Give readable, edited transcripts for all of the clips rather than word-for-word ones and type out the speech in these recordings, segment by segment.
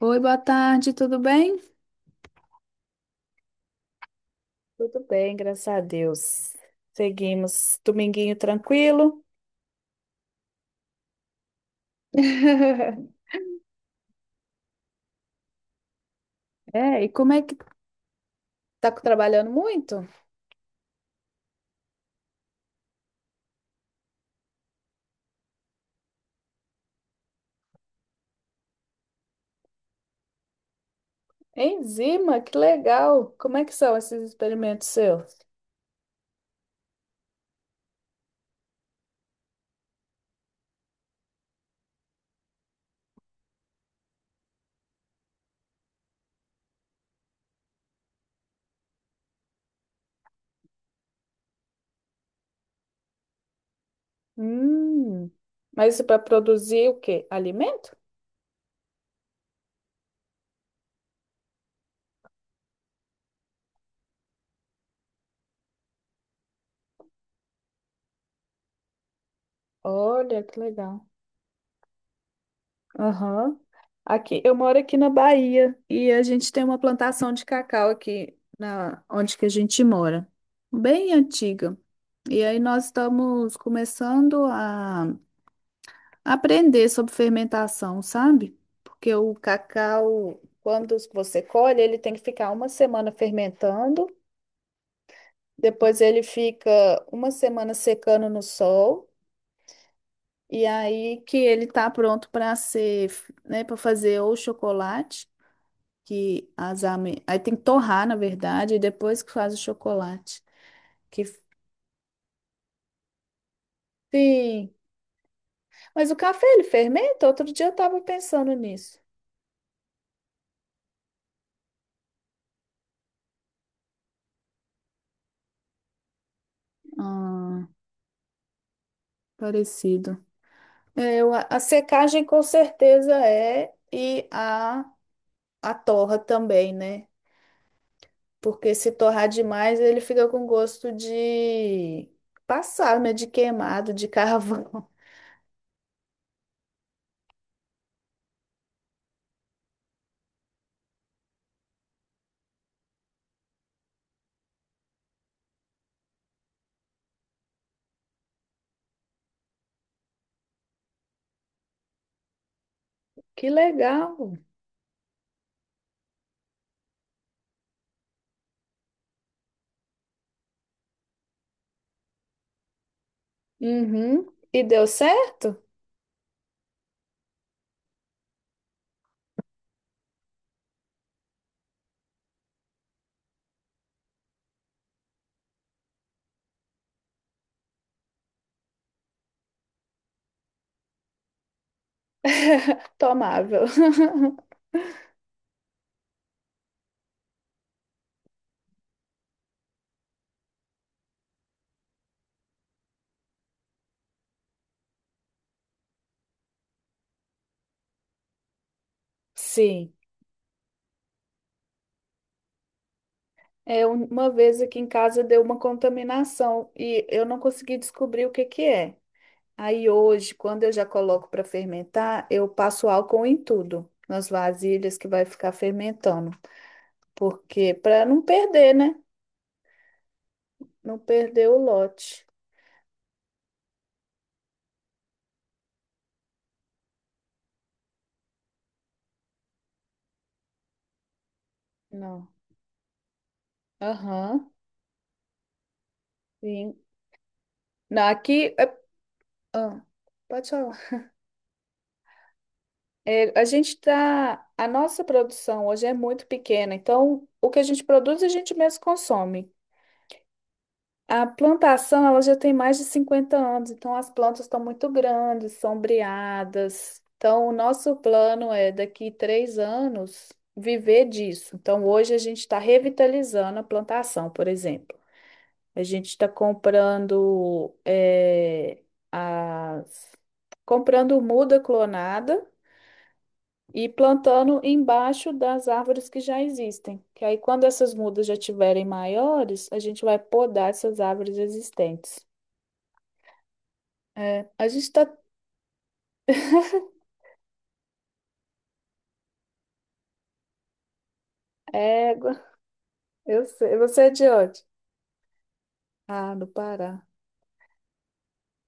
Oi, boa tarde, tudo bem? Tudo bem, graças a Deus. Seguimos. Dominguinho tranquilo. É, e como é que tá trabalhando muito? Enzima, que legal. Como é que são esses experimentos seus? Hum, Mas isso para produzir o quê? Alimento? Olha, que legal. Aham. Aqui, eu moro aqui na Bahia e a gente tem uma plantação de cacau aqui na onde que a gente mora, bem antiga. E aí nós estamos começando a aprender sobre fermentação, sabe? Porque o cacau, quando você colhe, ele tem que ficar uma semana fermentando, depois ele fica uma semana secando no sol. E aí que ele tá pronto para ser, né, para fazer ou chocolate que as ame... Aí tem que torrar, na verdade, e depois que faz o chocolate. Que sim. Mas o café ele fermenta? Outro dia eu tava pensando nisso. Ah, parecido. É, a secagem com certeza é e a torra também, né? Porque se torrar demais, ele fica com gosto de passar né? De queimado, de carvão. Que legal. Uhum. E deu certo? Tomável. Sim, é um- uma vez aqui em casa deu uma contaminação e eu não consegui descobrir o que que é. Aí hoje, quando eu já coloco para fermentar, eu passo álcool em tudo, nas vasilhas que vai ficar fermentando, porque para não perder, né? Não perder o lote. Não. Aham. Sim. Não, aqui ah, pode falar. É, a gente tá, a nossa produção hoje é muito pequena, então o que a gente produz a gente mesmo consome. A plantação, ela já tem mais de 50 anos, então as plantas estão muito grandes, sombreadas. Então, o nosso plano é, daqui 3 anos, viver disso. Então, hoje a gente está revitalizando a plantação, por exemplo. A gente está comprando, as... comprando muda clonada e plantando embaixo das árvores que já existem. Que aí, quando essas mudas já tiverem maiores, a gente vai podar essas árvores existentes. É, a gente tá. Égua, eu sei. Você é de onde? Ah, do Pará.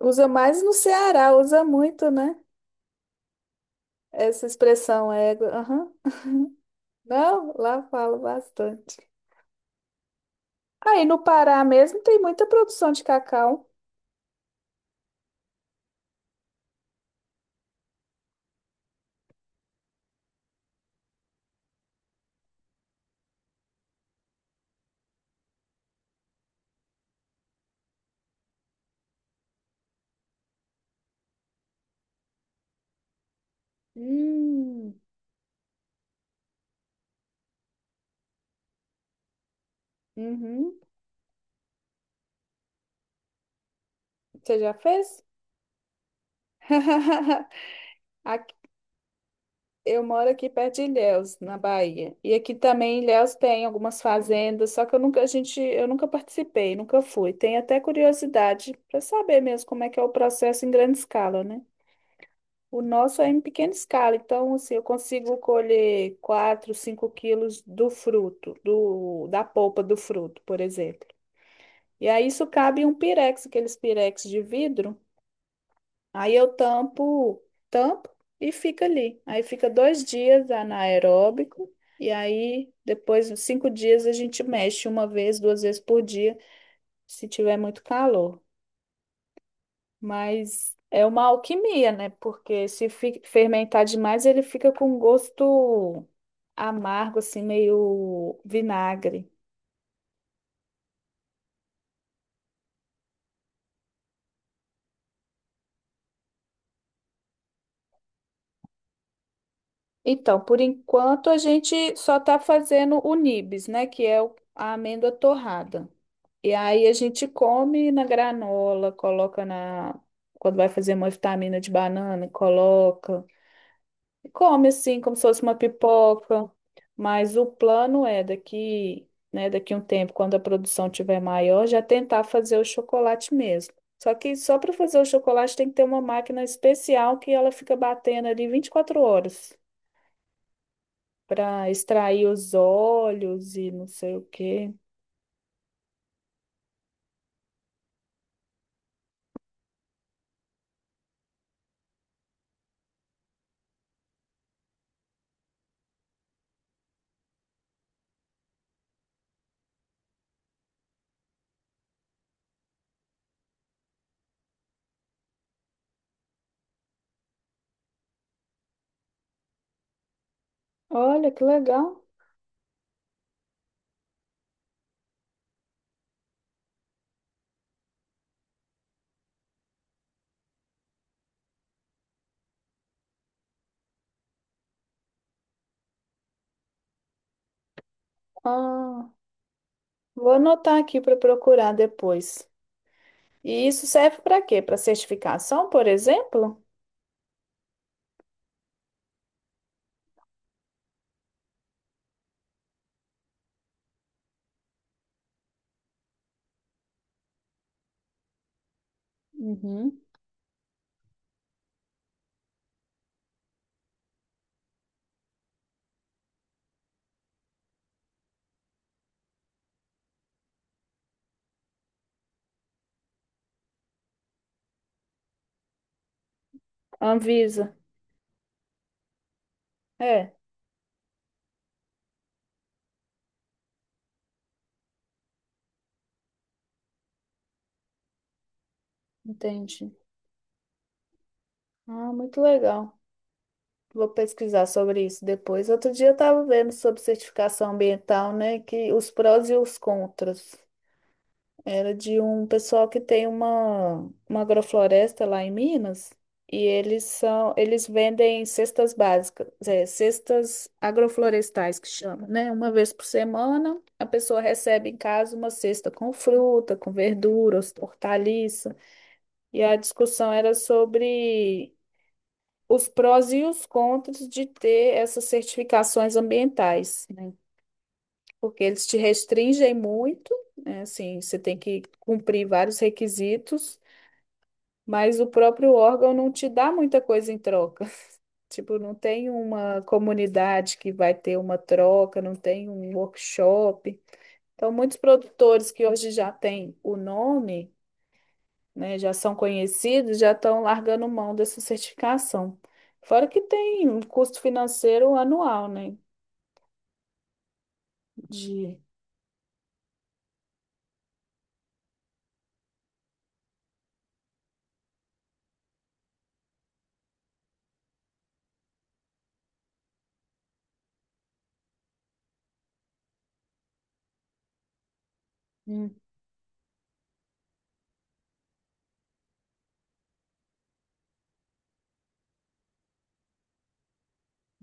Usa mais no Ceará, usa muito, né? Essa expressão égua. Aham. Não, lá falo bastante. Aí no Pará mesmo tem muita produção de cacau. Hum. Uhum. Você já fez? Aqui. Eu moro aqui perto de Ilhéus, na Bahia. E aqui também em Ilhéus tem algumas fazendas, só que eu nunca, a gente, eu nunca participei, nunca fui. Tenho até curiosidade para saber mesmo como é que é o processo em grande escala, né? O nosso é em pequena escala, então assim, eu consigo colher 4, 5 quilos do fruto, do, da polpa do fruto, por exemplo. E aí isso cabe em um pirex, aqueles pirex de vidro. Aí eu tampo e fica ali. Aí fica 2 dias anaeróbico. E aí, depois, uns 5 dias, a gente mexe uma vez, duas vezes por dia, se tiver muito calor. Mas é uma alquimia, né? Porque se fermentar demais, ele fica com um gosto amargo, assim, meio vinagre. Então, por enquanto, a gente só está fazendo o nibs, né? Que é o- a amêndoa torrada. E aí a gente come na granola, coloca na. Quando vai fazer uma vitamina de banana, coloca. E come assim, como se fosse uma pipoca. Mas o plano é daqui, né, daqui um tempo, quando a produção tiver maior, já tentar fazer o chocolate mesmo. Só que só para fazer o chocolate tem que ter uma máquina especial que ela fica batendo ali 24 horas para extrair os óleos e não sei o quê. Olha que legal. Ah. Vou anotar aqui para procurar depois. E isso serve para quê? Para certificação, por exemplo? Uhum. Anvisa. É, entendi. Ah, muito legal. Vou pesquisar sobre isso depois. Outro dia eu estava vendo sobre certificação ambiental, né? Que os prós e os contras. Era de um pessoal que tem uma agrofloresta lá em Minas e eles vendem cestas básicas, é, cestas agroflorestais que chama, né? Uma vez por semana a pessoa recebe em casa uma cesta com fruta, com verduras, hortaliça. E a discussão era sobre os prós e os contras de ter essas certificações ambientais, né? Porque eles te restringem muito, né? Assim, você tem que cumprir vários requisitos, mas o próprio órgão não te dá muita coisa em troca. Tipo, não tem uma comunidade que vai ter uma troca, não tem um workshop. Então, muitos produtores que hoje já têm o nome, né, já são conhecidos, já estão largando mão dessa certificação. Fora que tem um custo financeiro anual, né? De... Hum,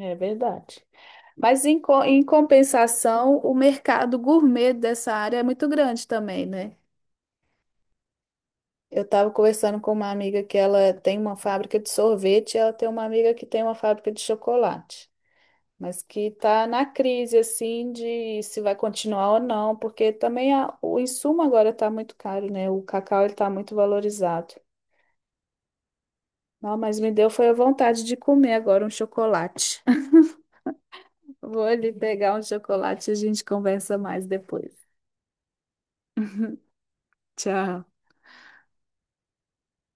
é verdade. Mas em, em compensação, o mercado gourmet dessa área é muito grande também, né? Eu estava conversando com uma amiga que ela tem uma fábrica de sorvete, e ela tem uma amiga que tem uma fábrica de chocolate, mas que está na crise assim de se vai continuar ou não, porque também o insumo agora está muito caro, né? O cacau ele está muito valorizado. Não, mas me deu foi a vontade de comer agora um chocolate. Vou ali pegar um chocolate e a gente conversa mais depois. Tchau.